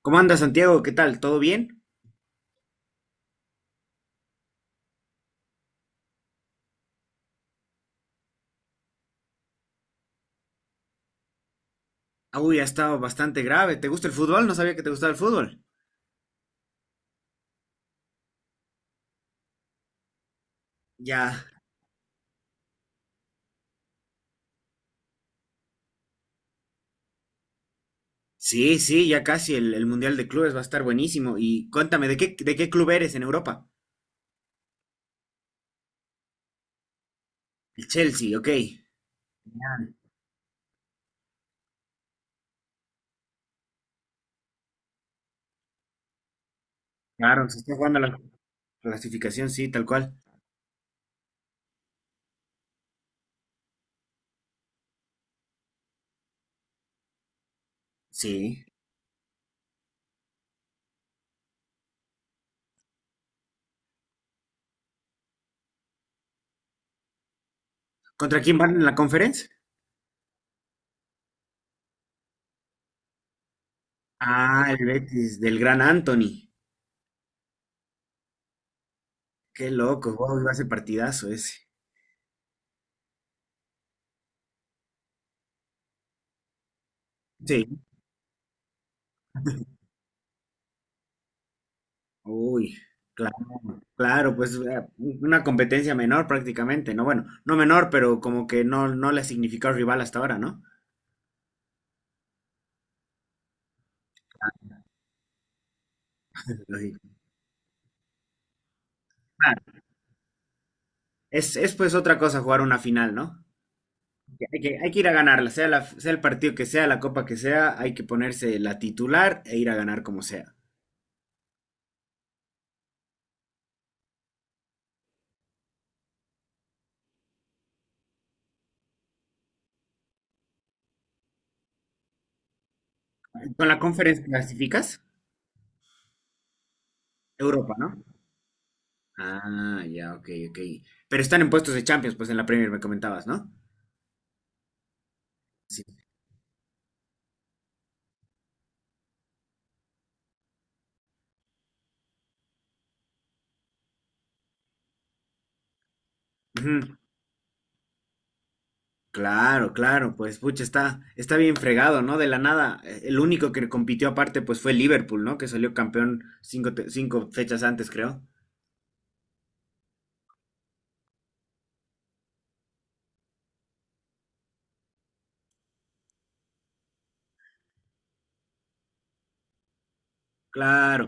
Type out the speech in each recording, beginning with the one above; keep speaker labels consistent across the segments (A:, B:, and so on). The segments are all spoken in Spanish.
A: ¿Cómo andas, Santiago? ¿Qué tal? ¿Todo bien? Uy, ha estado bastante grave. ¿Te gusta el fútbol? No sabía que te gustaba el fútbol. Ya. Sí, sí, ya casi el Mundial de Clubes va a estar buenísimo. Y cuéntame, ¿de qué club eres en Europa? El Chelsea, ok. Genial. Claro, se está jugando la clasificación, sí, tal cual. Sí. ¿Contra quién van en la conferencia? Ah, el Betis, del gran Anthony. Qué loco, wow, va a ser partidazo ese. Sí. Uy, claro, pues una competencia menor prácticamente, ¿no? Bueno, no menor, pero como que no, no le ha significado rival hasta ahora, ¿no? Lógico. Claro. Es pues otra cosa jugar una final, ¿no? Que hay que, hay que ir a ganarla, sea, la, sea el partido que sea, la copa que sea, hay que ponerse la titular e ir a ganar como sea. ¿Con la conferencia clasificas? Europa, ¿no? Ah, ya, ok, ok. Pero están en puestos de Champions, pues en la Premier me comentabas, ¿no? Sí. Ujú. Claro, claro, pues pucha, está, está bien fregado, ¿no? De la nada, el único que compitió aparte pues fue Liverpool, ¿no? Que salió campeón cinco, cinco fechas antes, creo. Claro,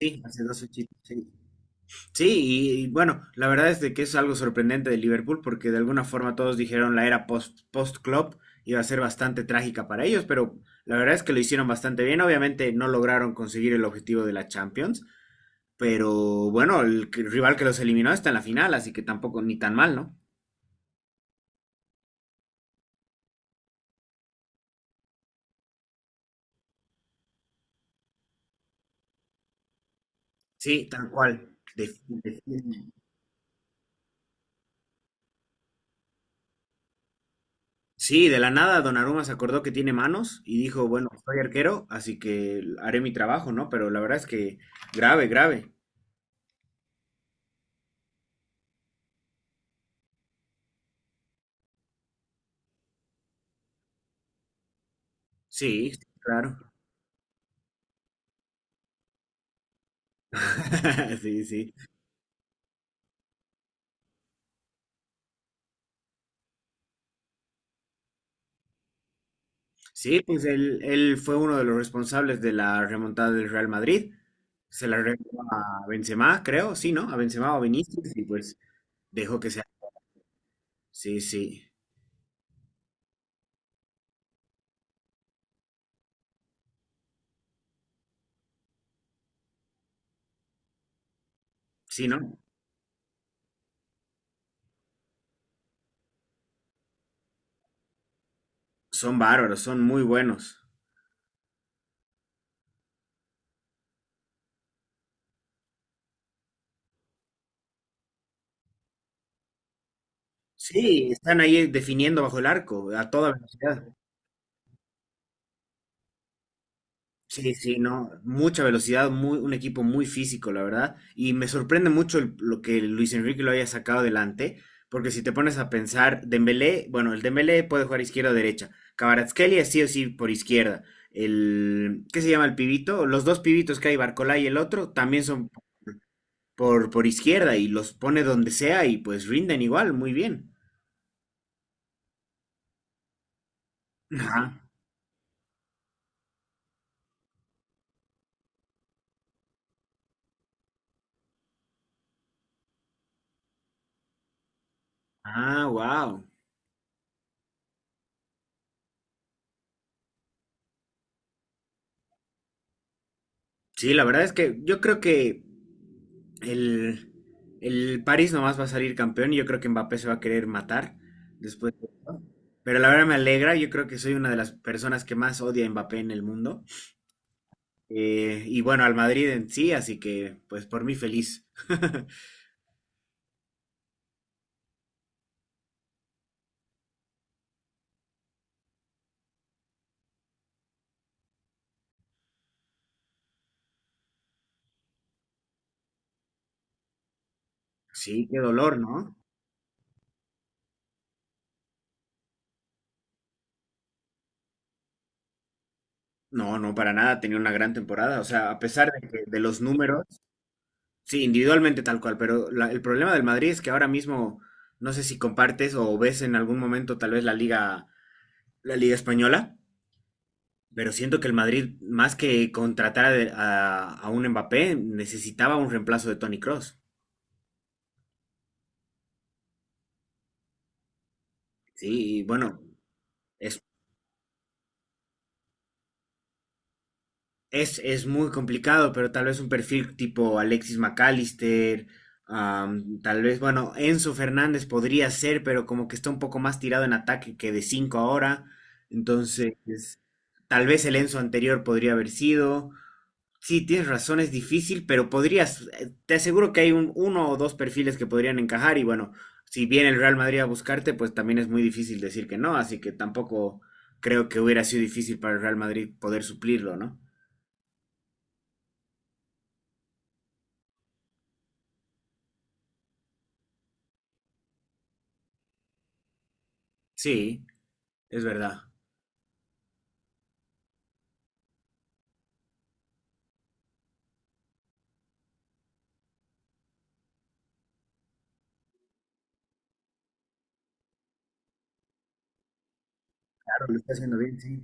A: sí, hace dos fechitas, sí. Sí, y bueno, la verdad es de que es algo sorprendente de Liverpool porque de alguna forma todos dijeron la era post-Klopp iba a ser bastante trágica para ellos, pero la verdad es que lo hicieron bastante bien. Obviamente no lograron conseguir el objetivo de la Champions, pero bueno, rival que los eliminó está en la final, así que tampoco ni tan mal, ¿no? Sí, tal cual. De- de- sí, de la nada Donnarumma se acordó que tiene manos y dijo, bueno, soy arquero, así que haré mi trabajo, ¿no? Pero la verdad es que grave, grave. Sí, sí, claro. Sí, sí. Sí, pues él fue uno de los responsables de la remontada del Real Madrid. Se la regaló a Benzema, creo, sí, ¿no? A Benzema o a Vinicius y pues dejó que sea. Sí, sí. Sí, ¿no? Son bárbaros, son muy buenos. Sí, están ahí definiendo bajo el arco a toda velocidad. Sí, sí, no, mucha velocidad, muy, un equipo muy físico, la verdad. Y me sorprende mucho lo que Luis Enrique lo haya sacado adelante, porque si te pones a pensar, Dembélé, bueno, el Dembélé puede jugar izquierda o derecha. Kvaratskhelia sí o sí por izquierda. El, ¿qué se llama el pibito? Los dos pibitos que hay, Barcola y el otro, también son por izquierda y los pone donde sea y pues rinden igual, muy bien. Ajá. Ah, wow. Sí, la verdad es que yo creo que el, el París nomás va a salir campeón y yo creo que Mbappé se va a querer matar después de esto. Pero la verdad me alegra, yo creo que soy una de las personas que más odia a Mbappé en el mundo. Y bueno, al Madrid en sí, así que pues por mí feliz. Sí, qué dolor, ¿no? No, no, para nada, tenía una gran temporada. O sea, a pesar de que de los números, sí, individualmente tal cual, pero el problema del Madrid es que ahora mismo, no sé si compartes o ves en algún momento tal vez la liga española, pero siento que el Madrid, más que contratar a, a un Mbappé, necesitaba un reemplazo de Toni Kroos. Sí, y bueno, es muy complicado, pero tal vez un perfil tipo Alexis McAllister, am, tal vez, bueno, Enzo Fernández podría ser, pero como que está un poco más tirado en ataque que de 5 ahora. Entonces, tal vez el Enzo anterior podría haber sido. Sí, tienes razón, es difícil, pero podrías, te aseguro que hay uno o dos perfiles que podrían encajar y bueno, si viene el Real Madrid a buscarte, pues también es muy difícil decir que no, así que tampoco creo que hubiera sido difícil para el Real Madrid poder suplirlo, ¿no? Sí. Es verdad. Claro, lo está haciendo bien, sí.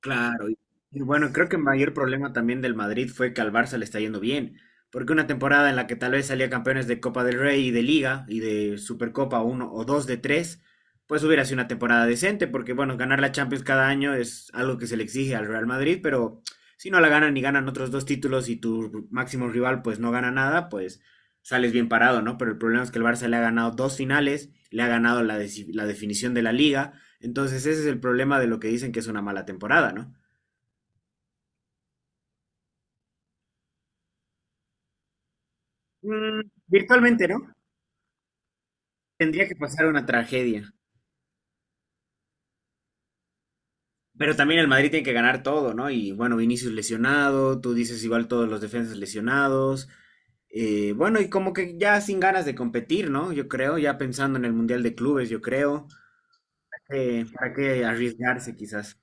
A: Claro. Y bueno, creo que el mayor problema también del Madrid fue que al Barça le está yendo bien. Porque una temporada en la que tal vez salía campeones de Copa del Rey y de Liga y de Supercopa uno o dos de tres, pues hubiera sido una temporada decente. Porque bueno, ganar la Champions cada año es algo que se le exige al Real Madrid, pero si no la ganan y ganan otros dos títulos y tu máximo rival pues no gana nada, pues sales bien parado, ¿no? Pero el problema es que el Barça le ha ganado dos finales, le ha ganado la definición de la liga. Entonces ese es el problema de lo que dicen que es una mala temporada, ¿no? Mm, virtualmente, ¿no? Tendría que pasar una tragedia. Pero también el Madrid tiene que ganar todo, ¿no? Y bueno, Vinicius lesionado, tú dices igual todos los defensas lesionados. Bueno, y como que ya sin ganas de competir, ¿no? Yo creo, ya pensando en el Mundial de Clubes, yo creo. ¿Para qué arriesgarse quizás?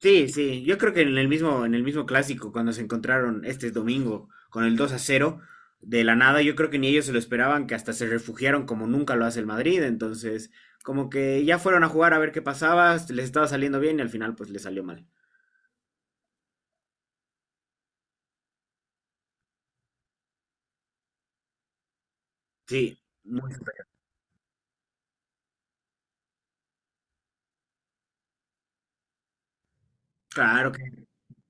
A: Sí, sí, yo creo que en el mismo clásico, cuando se encontraron este domingo con el 2 a cero de la nada, yo creo que ni ellos se lo esperaban, que hasta se refugiaron como nunca lo hace el Madrid, entonces como que ya fueron a jugar a ver qué pasaba, este, les estaba saliendo bien y al final pues les salió mal. Sí, muy- super- claro que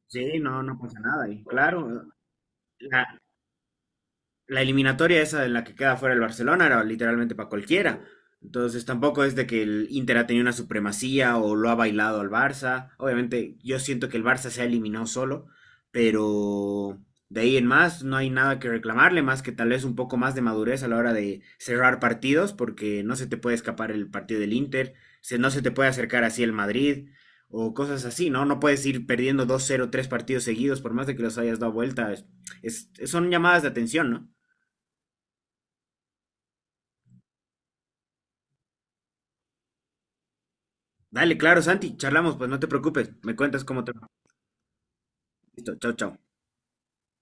A: sí, no, no pasa nada, y claro, la eliminatoria esa en la que queda fuera el Barcelona era literalmente para cualquiera. Entonces tampoco es de que el Inter ha tenido una supremacía o lo ha bailado al Barça. Obviamente yo siento que el Barça se ha eliminado solo, pero de ahí en más no hay nada que reclamarle, más que tal vez un poco más de madurez a la hora de cerrar partidos, porque no se te puede escapar el partido del Inter, no se te puede acercar así el Madrid o cosas así, ¿no? No puedes ir perdiendo dos cero tres partidos seguidos, por más de que los hayas dado vuelta. Son llamadas de atención, ¿no? Dale, claro, Santi, charlamos, pues no te preocupes, me cuentas cómo te va. Listo, chao, chao.